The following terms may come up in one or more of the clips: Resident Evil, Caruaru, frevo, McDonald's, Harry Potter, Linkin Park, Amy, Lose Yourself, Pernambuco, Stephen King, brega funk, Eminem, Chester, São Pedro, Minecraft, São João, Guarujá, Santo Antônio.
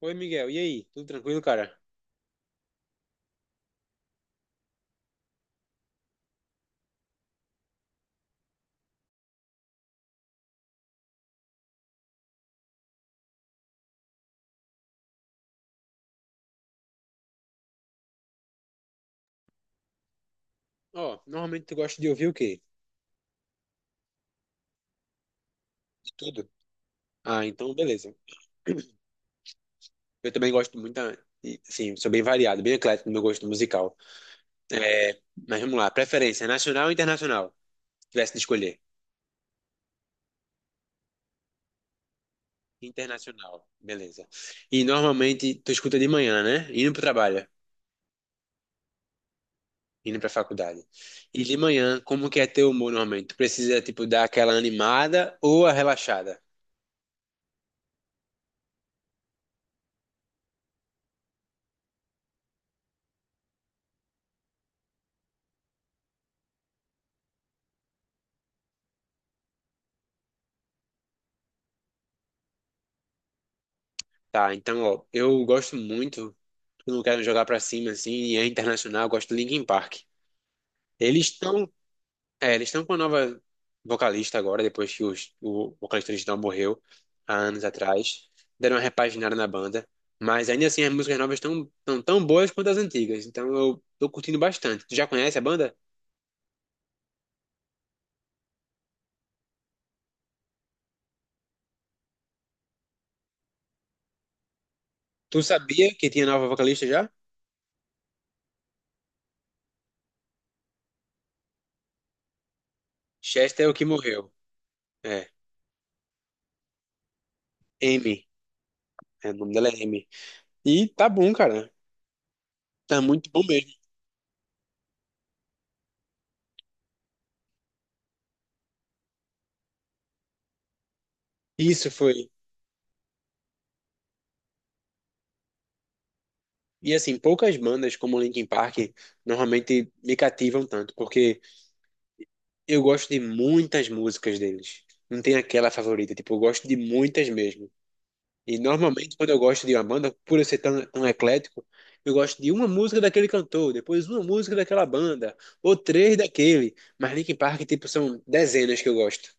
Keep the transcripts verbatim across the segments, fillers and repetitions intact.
Oi, Miguel. E aí? Tudo tranquilo, cara? Ó, normalmente tu gosta de ouvir o quê? De tudo? Ah, então beleza. Eu também gosto muito, da- e, assim, sou bem variado, bem eclético no meu gosto musical. É, mas vamos lá, preferência nacional ou internacional? Se tivesse de escolher. Internacional, beleza. E normalmente tu escuta de manhã, né? Indo pro trabalho, indo pra faculdade. E de manhã, como que é teu humor normalmente? Tu precisa, tipo, dar aquela animada ou a relaxada? Tá, então, ó, eu gosto muito. Eu não quero jogar pra cima, assim, e é internacional, eu gosto do Linkin Park. Eles estão, é, eles estão com uma nova vocalista agora, depois que os- o vocalista original morreu há anos atrás. Deram uma repaginada na banda. Mas ainda assim, as músicas novas estão tão, tão boas quanto as antigas. Então eu tô curtindo bastante. Tu já conhece a banda? Tu sabia que tinha nova vocalista já? Chester é o que morreu. É. Amy. É, o nome dela é Amy. E tá bom, cara. Tá muito bom mesmo. Isso foi. E assim, poucas bandas como Linkin Park normalmente me cativam tanto, porque eu gosto de muitas músicas deles. Não tem aquela favorita, tipo, eu gosto de muitas mesmo. E normalmente quando eu gosto de uma banda, por eu ser tão, tão eclético, eu gosto de uma música daquele cantor, depois uma música daquela banda, ou três daquele. Mas Linkin Park, tipo, são dezenas que eu gosto.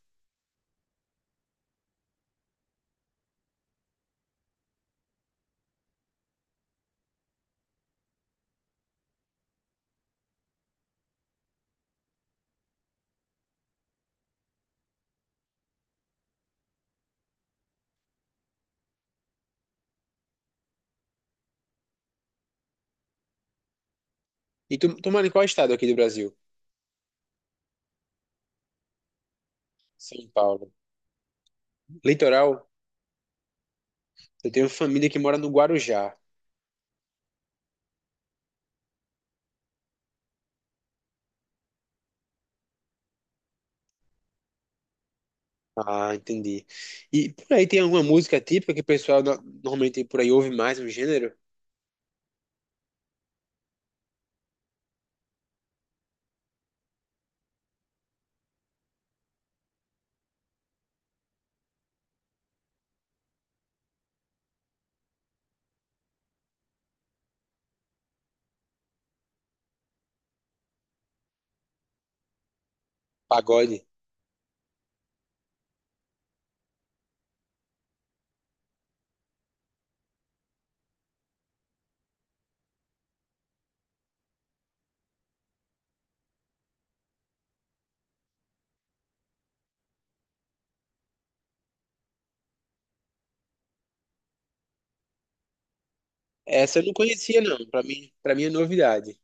E tu, tu mora em qual estado aqui do Brasil? São Paulo. Litoral, eu tenho família que mora no Guarujá. Ah, entendi. E por aí tem alguma música típica que o pessoal no- normalmente por aí ouve mais um gênero? Pagode. Essa eu não conhecia, não. Pra mim, para mim é novidade.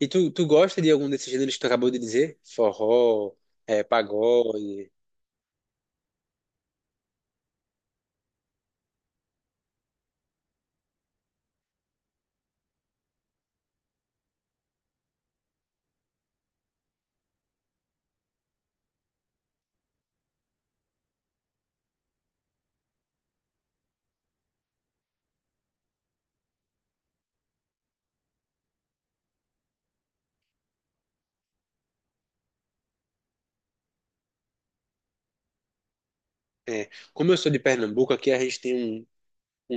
E tu, tu gosta de algum desses gêneros que tu acabou de dizer? Forró, é, pagode. É. Como eu sou de Pernambuco, aqui a gente tem um,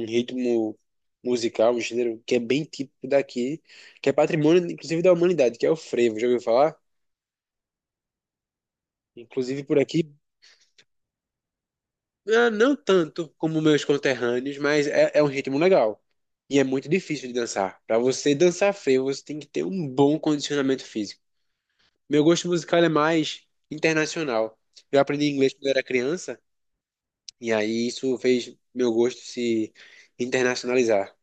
um ritmo musical, um gênero que é bem típico daqui, que é patrimônio, inclusive, da humanidade, que é o frevo. Já ouviu falar? Inclusive por aqui. Ah, não tanto como meus conterrâneos, mas é, é um ritmo legal. E é muito difícil de dançar. Pra você dançar frevo, você tem que ter um bom condicionamento físico. Meu gosto musical é mais internacional. Eu aprendi inglês quando eu era criança, e aí isso fez meu gosto se internacionalizar.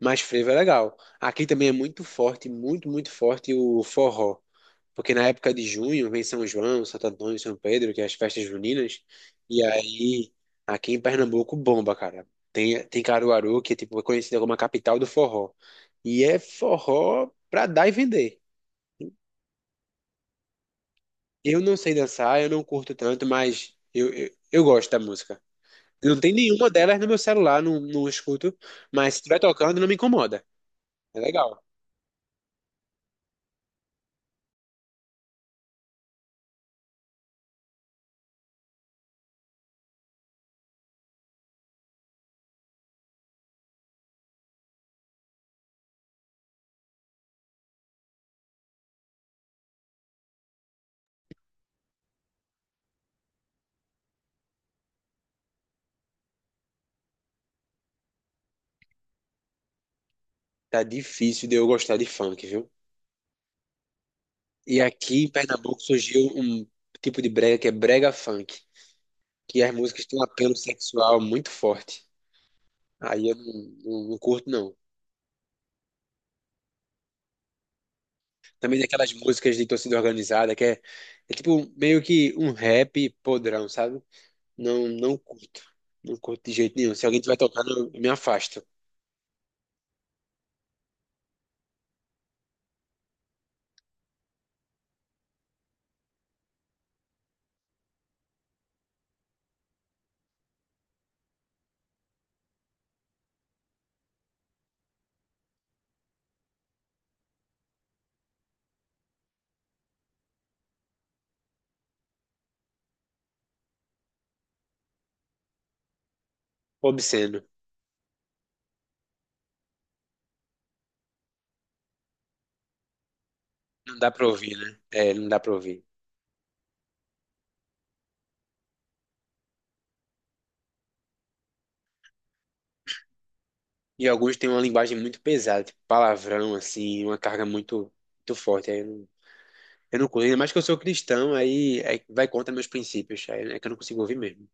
Mas frevo é legal. Aqui também é muito forte, muito, muito forte o forró. Porque na época de junho vem São João, Santo Antônio, São Pedro, que é as festas juninas. E aí, aqui em Pernambuco, bomba, cara. Tem, tem Caruaru, que é tipo, é conhecida como a capital do forró. E é forró pra dar e vender. Eu não sei dançar, eu não curto tanto, mas eu, eu, eu gosto da música. Não tem nenhuma delas no meu celular, não, não escuto. Mas se estiver tocando, não me incomoda. É legal. Tá difícil de eu gostar de funk, viu? E aqui em Pernambuco surgiu um tipo de brega que é brega funk, que as músicas têm um apelo sexual muito forte. Aí eu não, não- não curto, não. Também tem aquelas músicas de torcida organizada, que é, é tipo meio que um rap podrão, sabe? Não, não curto. Não curto de jeito nenhum. Se alguém estiver tocando, eu me afasto. Obsceno. Não dá pra ouvir, né? É, não dá pra ouvir. E alguns têm uma linguagem muito pesada, tipo palavrão, assim, uma carga muito, muito forte. Aí eu não, eu não curto. Ainda mais que eu sou cristão, aí, aí vai contra meus princípios. Aí é que eu não consigo ouvir mesmo.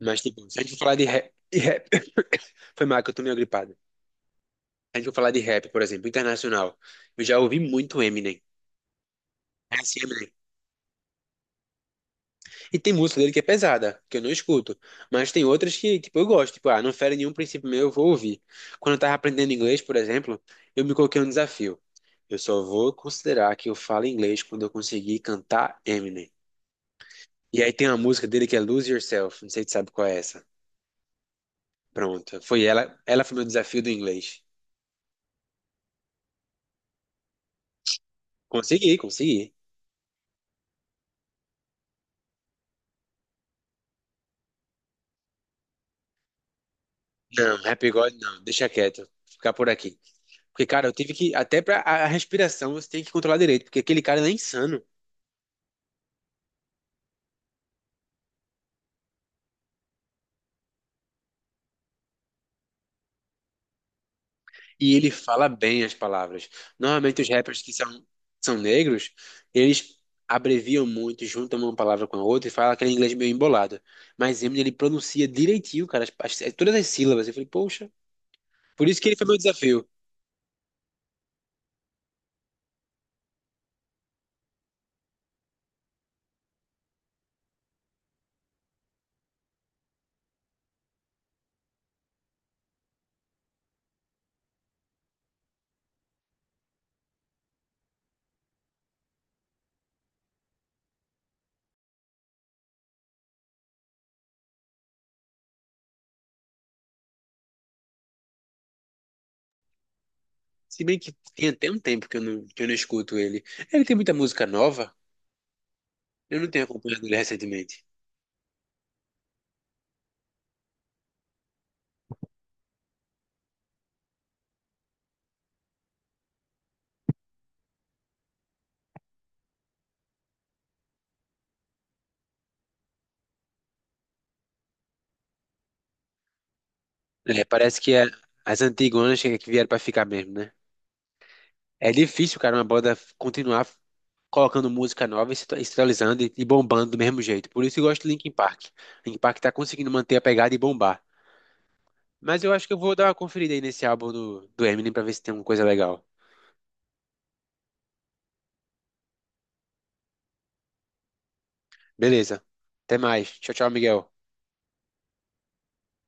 Mas, tipo, se a gente for falar de rap, de rap... Foi mal que eu tô meio gripado. Se a gente for falar de rap, por exemplo, internacional, eu já ouvi muito Eminem. É assim, Eminem. E tem música dele que é pesada, que eu não escuto. Mas tem outras que, tipo, eu gosto. Tipo, ah, não fere nenhum princípio meu, eu vou ouvir. Quando eu tava aprendendo inglês, por exemplo, eu me coloquei um desafio. Eu só vou considerar que eu falo inglês quando eu conseguir cantar Eminem. E aí tem uma música dele que é Lose Yourself. Não sei se tu sabe qual é essa. Pronto. Foi ela. Ela foi meu desafio do inglês. Consegui, consegui. Não, Happy God não, deixa quieto, ficar por aqui. Porque, cara, eu tive que, até pra a a respiração você tem que controlar direito, porque aquele cara ele é insano e ele fala bem as palavras. Normalmente os rappers que são, são negros, eles abreviam muito, juntam uma palavra com a outra e falam aquele inglês meio embolado. Mas Eminem, ele pronuncia direitinho, cara, as- as- é, todas as sílabas. Eu falei, poxa, por isso que ele foi meu desafio. Se bem que tem até um tempo que eu não, que eu não escuto ele. Ele tem muita música nova, eu não tenho acompanhado ele recentemente. É, parece que é- as antigonas que que vieram pra ficar mesmo, né? É difícil, cara, uma banda continuar colocando música nova e se atu- e se atualizando e e bombando do mesmo jeito. Por isso eu gosto de Linkin Park. Linkin Park tá conseguindo manter a pegada e bombar. Mas eu acho que eu vou dar uma conferida aí nesse álbum do, do Eminem pra ver se tem alguma coisa legal. Beleza. Até mais. Tchau, tchau, Miguel.